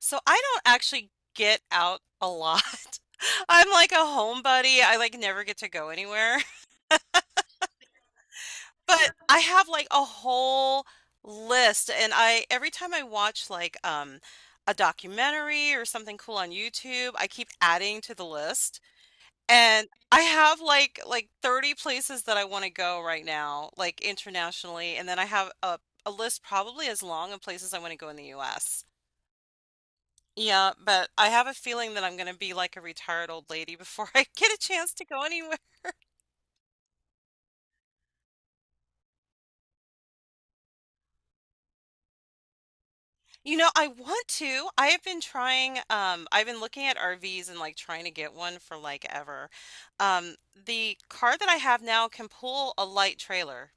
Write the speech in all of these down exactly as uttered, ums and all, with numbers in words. So I don't actually get out a lot. I'm like a homebody. I like never get to go anywhere. But I have like a whole list and I every time I watch like um a documentary or something cool on YouTube, I keep adding to the list. And I have like like thirty places that I want to go right now, like internationally, and then I have a a list probably as long of places I want to go in the U S. Yeah, but I have a feeling that I'm gonna be like a retired old lady before I get a chance to go anywhere. You know, I want to. I have been trying, um, I've been looking at R Vs and like trying to get one for like ever. Um, the car that I have now can pull a light trailer.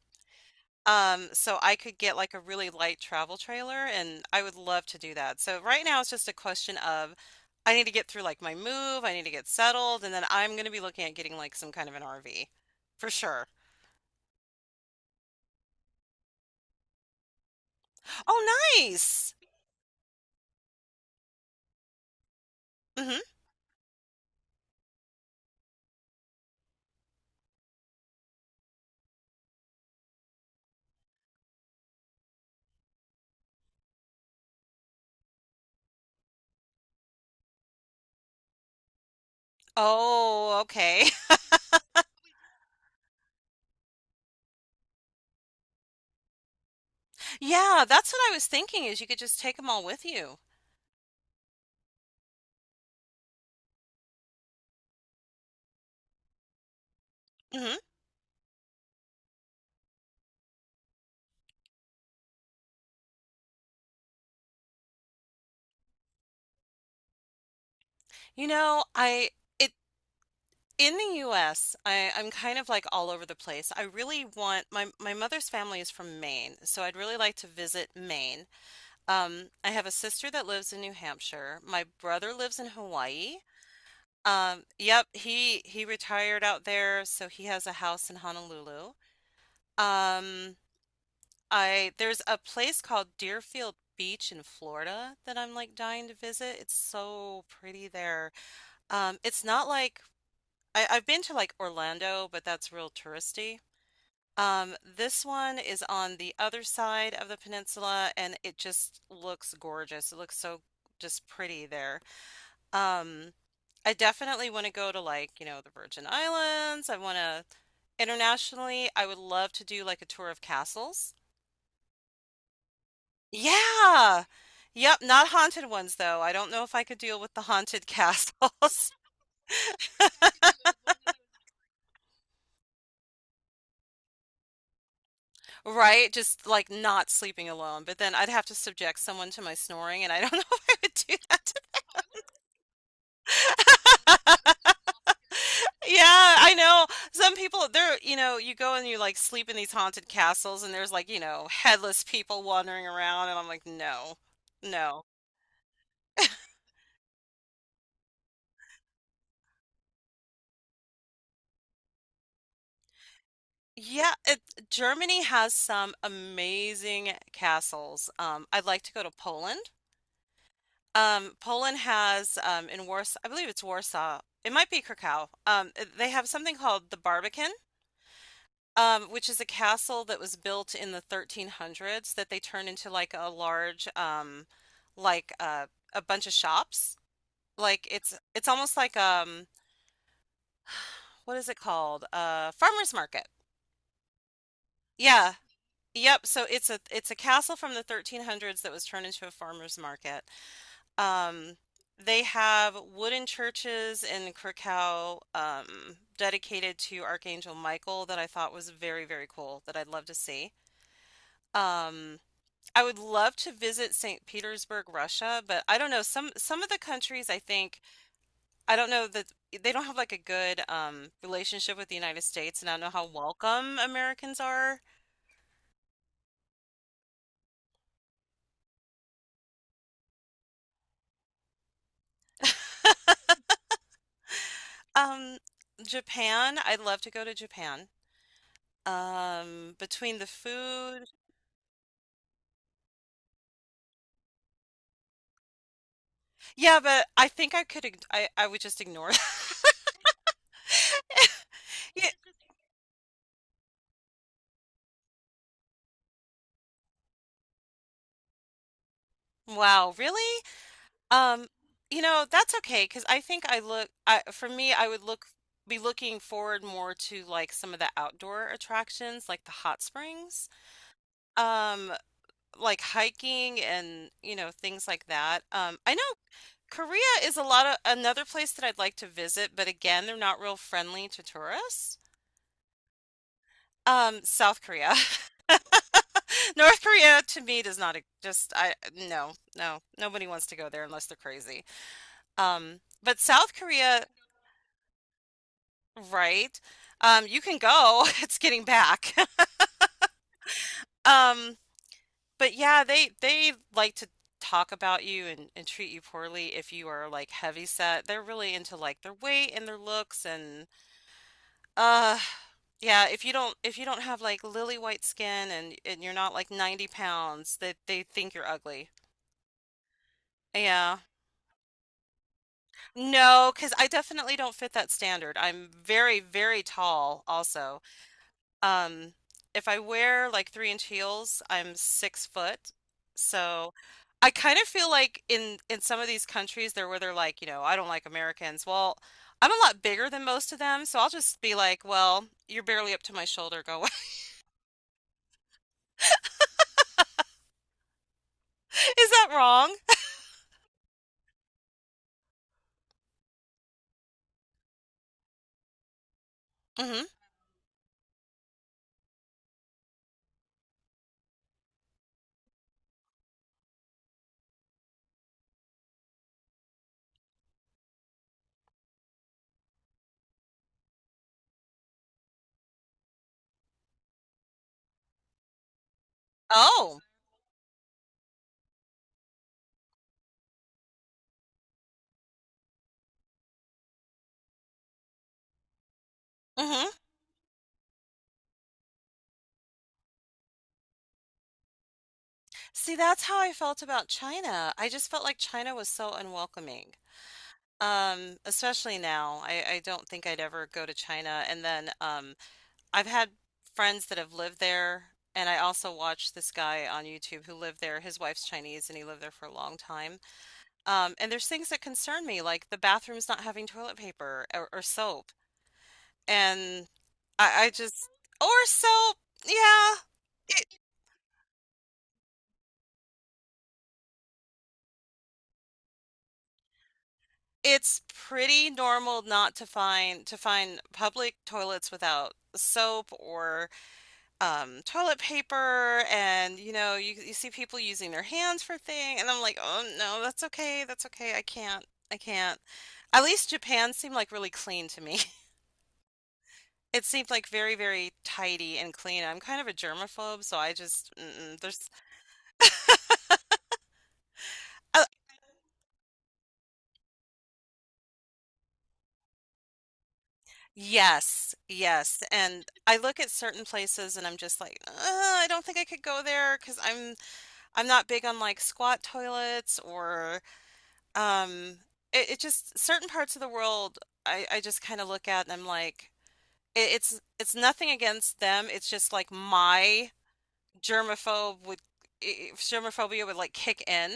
Um, so I could get like a really light travel trailer and I would love to do that. So right now it's just a question of I need to get through like my move, I need to get settled, and then I'm gonna be looking at getting like some kind of an R V for sure. Oh, nice. Mhm. Oh, okay. Yeah, that's what I was thinking is you could just take them all with you. Mhm. You know, I it in the U S, I I'm kind of like all over the place. I really want my My mother's family is from Maine, so I'd really like to visit Maine. Um, I have a sister that lives in New Hampshire. My brother lives in Hawaii. Um, yep, he he retired out there, so he has a house in Honolulu. Um, I There's a place called Deerfield Beach in Florida that I'm like dying to visit. It's so pretty there. Um, it's not like I, I've been to like Orlando, but that's real touristy. Um, this one is on the other side of the peninsula, and it just looks gorgeous. It looks so just pretty there. Um, I definitely want to go to like, you know, the Virgin Islands. I want to Internationally, I would love to do like a tour of castles. Yeah. Yep, not haunted ones though. I don't know if I could deal with the haunted castles, right? Just like not sleeping alone. But then I'd have to subject someone to my snoring, and I don't know if I would do that. Yeah, I know. Some people, they're, you know, you go and you like sleep in these haunted castles, and there's like, you know, headless people wandering around, and I'm like, no, no. Yeah, it, Germany has some amazing castles. Um, I'd like to go to Poland. Um, Poland has um, in Warsaw, I believe it's Warsaw. It might be Krakow. Um, eh, they have something called the Barbican, um, which is a castle that was built in the thirteen hundreds that they turned into like a large, um, like uh, a bunch of shops. Like it's it's almost like um, what is it called? Uh, farmer's market. Yeah. Yep. So it's a it's a castle from the thirteen hundreds that was turned into a farmer's market. Um, they have wooden churches in Krakow, um, dedicated to Archangel Michael that I thought was very, very cool that I'd love to see. Um, I would love to visit Saint Petersburg, Russia, but I don't know. Some some of the countries I think I don't know that they don't have like a good um, relationship with the United States, and I don't know how welcome Americans are. Um, Japan, I'd love to go to Japan. Um, between the food. Yeah, but I think I could ig- I I would just ignore that. Yeah. Wow, really? Um, you know, that's okay because I think I look I for me I would look be looking forward more to like some of the outdoor attractions like the hot springs, um, like hiking and, you know, things like that. Um, I know Korea is a lot of another place that I'd like to visit, but again, they're not real friendly to tourists. Um, South Korea. North Korea to me does not e- just I no no nobody wants to go there unless they're crazy. Um, but South Korea, right? Um, you can go. It's getting back. Um, but yeah, they they like to talk about you and, and treat you poorly if you are like heavy set. They're really into like their weight and their looks and uh yeah, if you don't if you don't have like lily white skin and and you're not like ninety pounds, that they, they think you're ugly. Yeah. No, because I definitely don't fit that standard. I'm very, very tall also. Um, if I wear like three inch heels, I'm six foot. So I kind of feel like in in some of these countries they're where they're like, you know, I don't like Americans. Well, I'm a lot bigger than most of them, so I'll just be like, well, you're barely up to my shoulder. Go away. Is that wrong? Hmm. Oh. Hmm. See, that's how I felt about China. I just felt like China was so unwelcoming. Um, especially now. I, I don't think I'd ever go to China. And then um, I've had friends that have lived there, and I also watched this guy on YouTube who lived there. His wife's Chinese, and he lived there for a long time. Um, and there's things that concern me, like the bathrooms not having toilet paper or, or soap. And I, I just, or soap, yeah. It, it's pretty normal not to find to find public toilets without soap or um, toilet paper and you know you you see people using their hands for thing and I'm like, "Oh no, that's okay. That's okay. I can't. I can't." At least Japan seemed like really clean to me. It seemed like very, very tidy and clean. I'm kind of a germaphobe, so I just mm-mm, there's. Oh yes, yes. And I look at certain places and I'm just like, "Uh, I don't think I could go there because I'm I'm not big on like squat toilets or. Um, it, it just certain parts of the world I, I just kind of look at and I'm like, it, it's it's nothing against them. It's just like my germaphobe would i- germophobia would like kick in,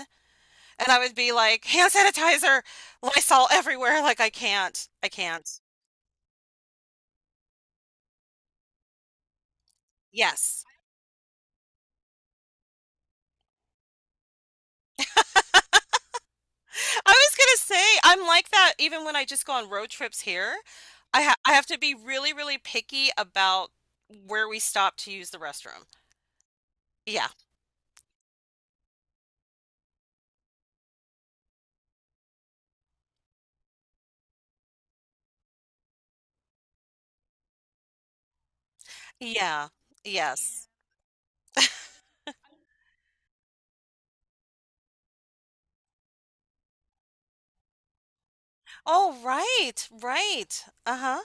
and I would be like, hand sanitizer, Lysol everywhere. Like I can't, I can't. Yes. I was gonna say I'm like that even when I just go on road trips here. I ha I have to be really, really picky about where we stop to use the restroom. Yeah. Yeah. Yes. Oh, right, right. Uh-huh.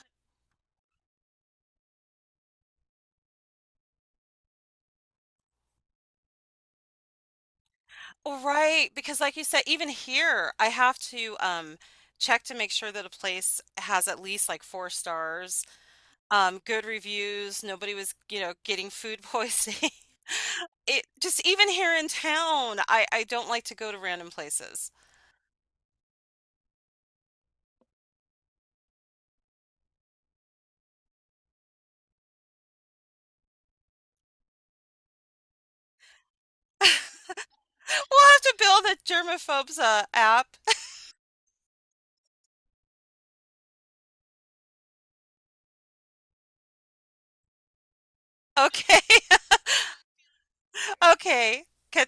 Right, because like you said, even here, I have to um check to make sure that a place has at least like four stars, um, good reviews, nobody was, you know, getting food poisoning. It just even here in town, I I don't like to go to random places. We'll have to build a germaphobes uh, app. Okay, okay.